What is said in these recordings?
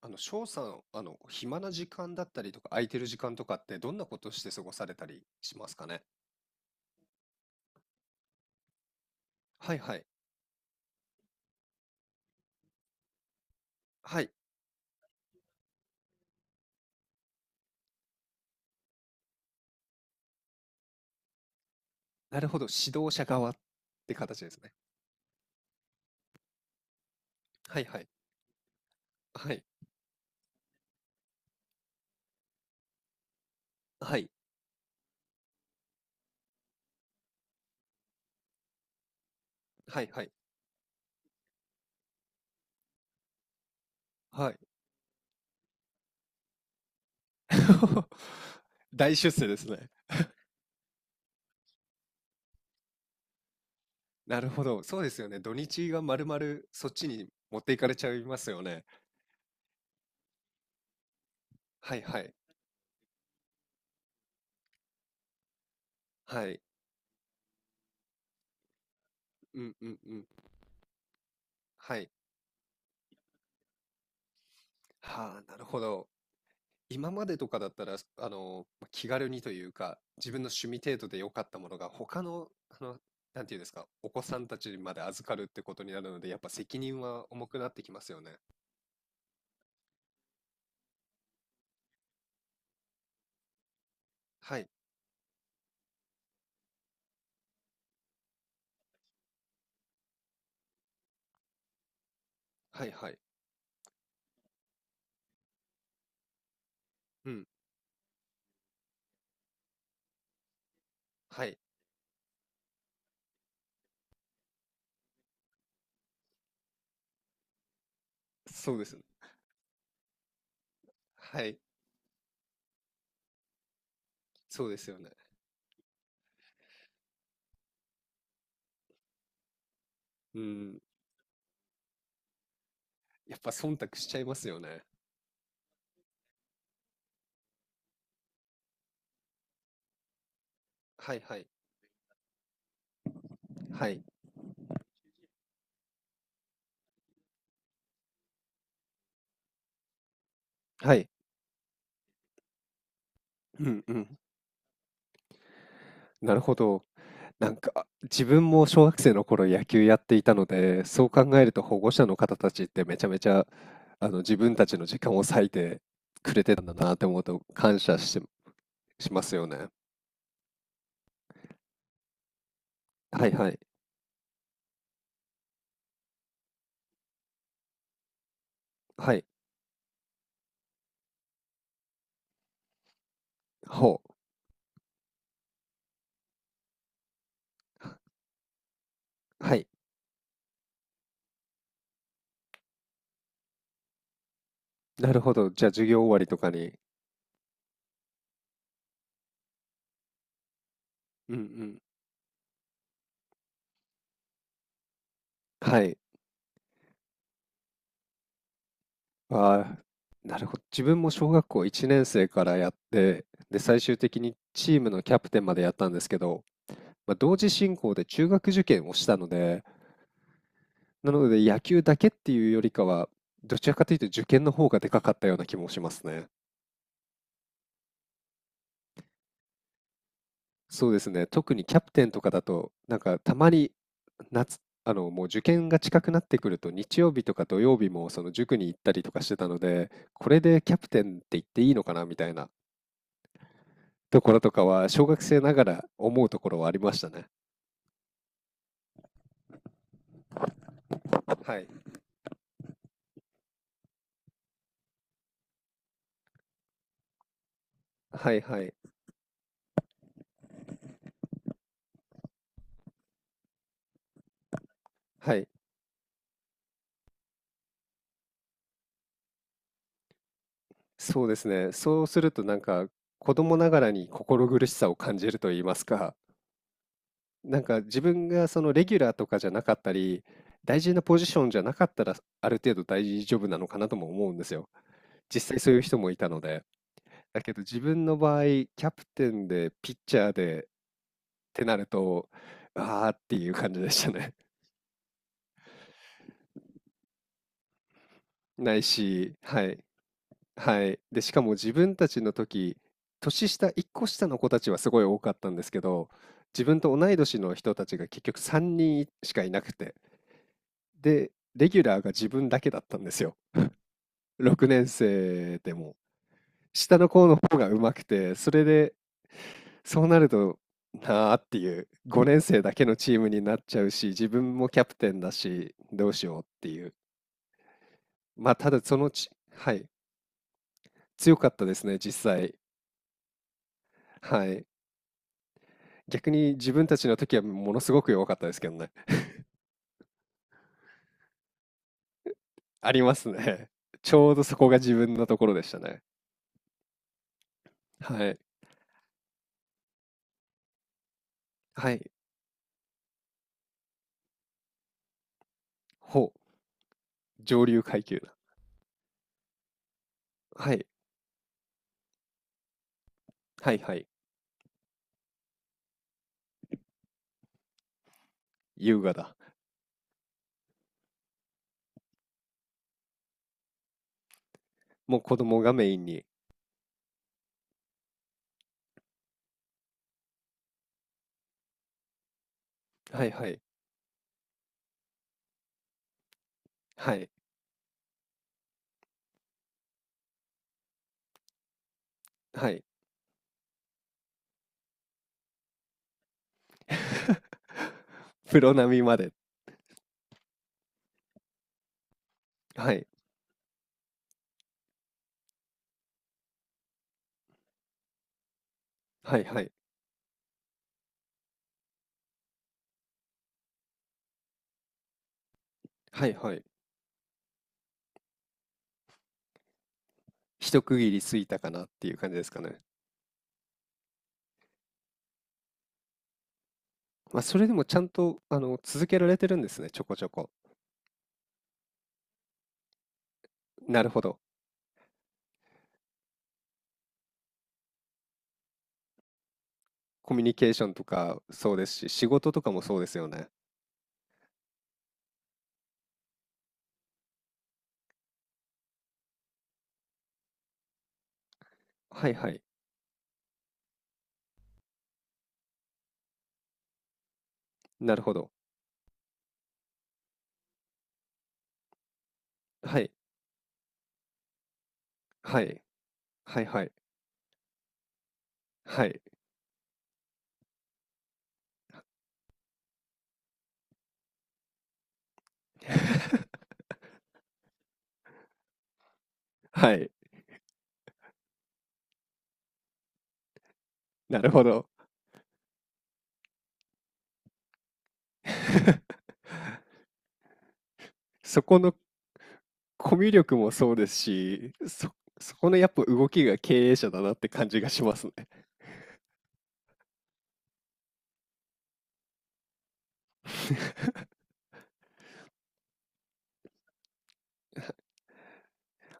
翔さん、暇な時間だったりとか、空いてる時間とかって、どんなことして過ごされたりしますかね。はいはい。はい。なるほど。指導者側って形ですね。はいはい。はい。はい。はいはい。はい。大出世ですね。なるほど。そうですよね。土日がまるまるそっちに持っていかれちゃいますよね。はいはい。はい。うんうんうん。はい。はあ、なるほど。今までとかだったら、まあ気軽にというか、自分の趣味程度で良かったものが、他の、なんていうんですか、お子さんたちにまで預かるってことになるので、やっぱ責任は重くなってきますよね。はい、はい、はい。うん、はい、そうですね。はい、そうですよね。うん、やっぱ忖度しちゃいますよね。はい、はい、はい、はい。うん、うん。なるほど。なんか自分も小学生の頃野球やっていたので、そう考えると保護者の方たちってめちゃめちゃ、あの、自分たちの時間を割いてくれてたんだなって思うと感謝し、しますよね。はいはい。はい。ほう。はい。なるほど。じゃあ授業終わりとかに。うんうん。はい。あー、なるほど。自分も小学校1年生からやって、で、最終的にチームのキャプテンまでやったんですけど、まあ、同時進行で中学受験をしたので、なので野球だけっていうよりかは、どちらかというと受験の方がでかかったような気もしますね。そうですね。特にキャプテンとかだと、なんかたまに夏、もう受験が近くなってくると、日曜日とか土曜日もその塾に行ったりとかしてたので、これでキャプテンって言っていいのかなみたいなところとかは、小学生ながら思うところはありましたね。はい。はいはい。はい。そうですね。そうするとなんか、子供ながらに心苦しさを感じると言いますか、なんか自分がそのレギュラーとかじゃなかったり、大事なポジションじゃなかったら、ある程度大丈夫なのかなとも思うんですよ。実際そういう人もいたので。だけど自分の場合、キャプテンでピッチャーでってなると、ああっていう感じでしたね。ないし、はい、はい。で、しかも自分たちの時、年下、1個下の子たちはすごい多かったんですけど、自分と同い年の人たちが結局3人しかいなくて。で、レギュラーが自分だけだったんですよ。6年生でも。下の子の方が上手くて、それで、そうなると、なあっていう、5年生だけのチームになっちゃうし、自分もキャプテンだし、どうしようっていう。まあ、ただそのち、はい、強かったですね、実際。はい。逆に自分たちの時はものすごく弱かったですけどね。ありますね。ちょうどそこが自分のところでしたね。はい。はい。ほう。上流階級な。はい。はいはい。優雅だ。もう子供がメインに。はいはい。はい。はい。プロ並みまで。はい。はいはい。はいはい。一区切り過ぎたかなっていう感じですかね。まあ、それでもちゃんと、あの、続けられてるんですね、ちょこちょこ。なるほど。コミュニケーションとかそうですし、仕事とかもそうですよね。はいはい。なるほど。はい。はい。はいはい。はい。はい。なるほど。そこのコミュ力もそうですし、そ、そこのやっぱ動きが経営者だなって感じがしますね。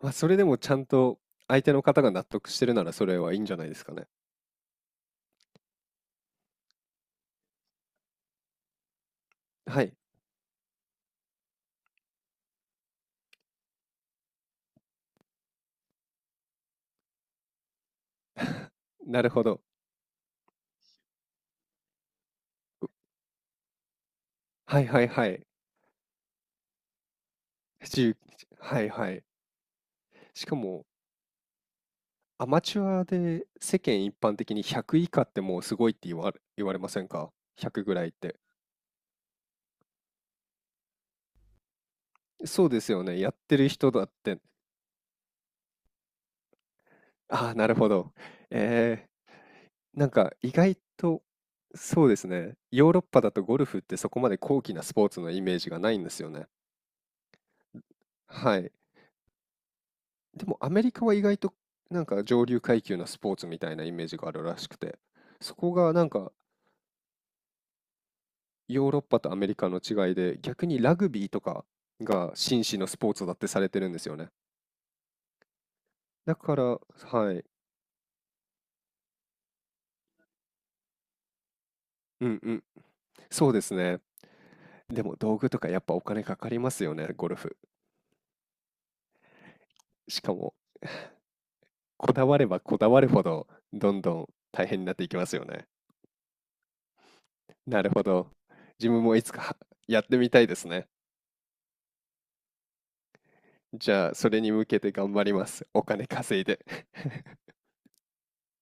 まあ、それでもちゃんと相手の方が納得してるなら、それはいいんじゃないですかね。はい、なるほど。はいはいはい。7、はいはい。しかも、アマチュアで世間一般的に100以下ってもうすごいって言われ言われませんか？100ぐらいって。そうですよね、やってる人だって、ああ、なるほど。ええ。なんか意外と、そうですね。ヨーロッパだとゴルフってそこまで高貴なスポーツのイメージがないんですよね。はい。でもアメリカは意外となんか上流階級のスポーツみたいなイメージがあるらしくて、そこがなんかヨーロッパとアメリカの違いで、逆にラグビーとかが紳士のスポーツだってされてるんですよね。だから、はい。うんうん。そうですね。でも道具とかやっぱお金かかりますよね、ゴルフ。しかもこだわればこだわるほど、どんどん大変になっていきますよね。なるほど。自分もいつかやってみたいですね。じゃあ、それに向けて頑張ります。お金稼いで。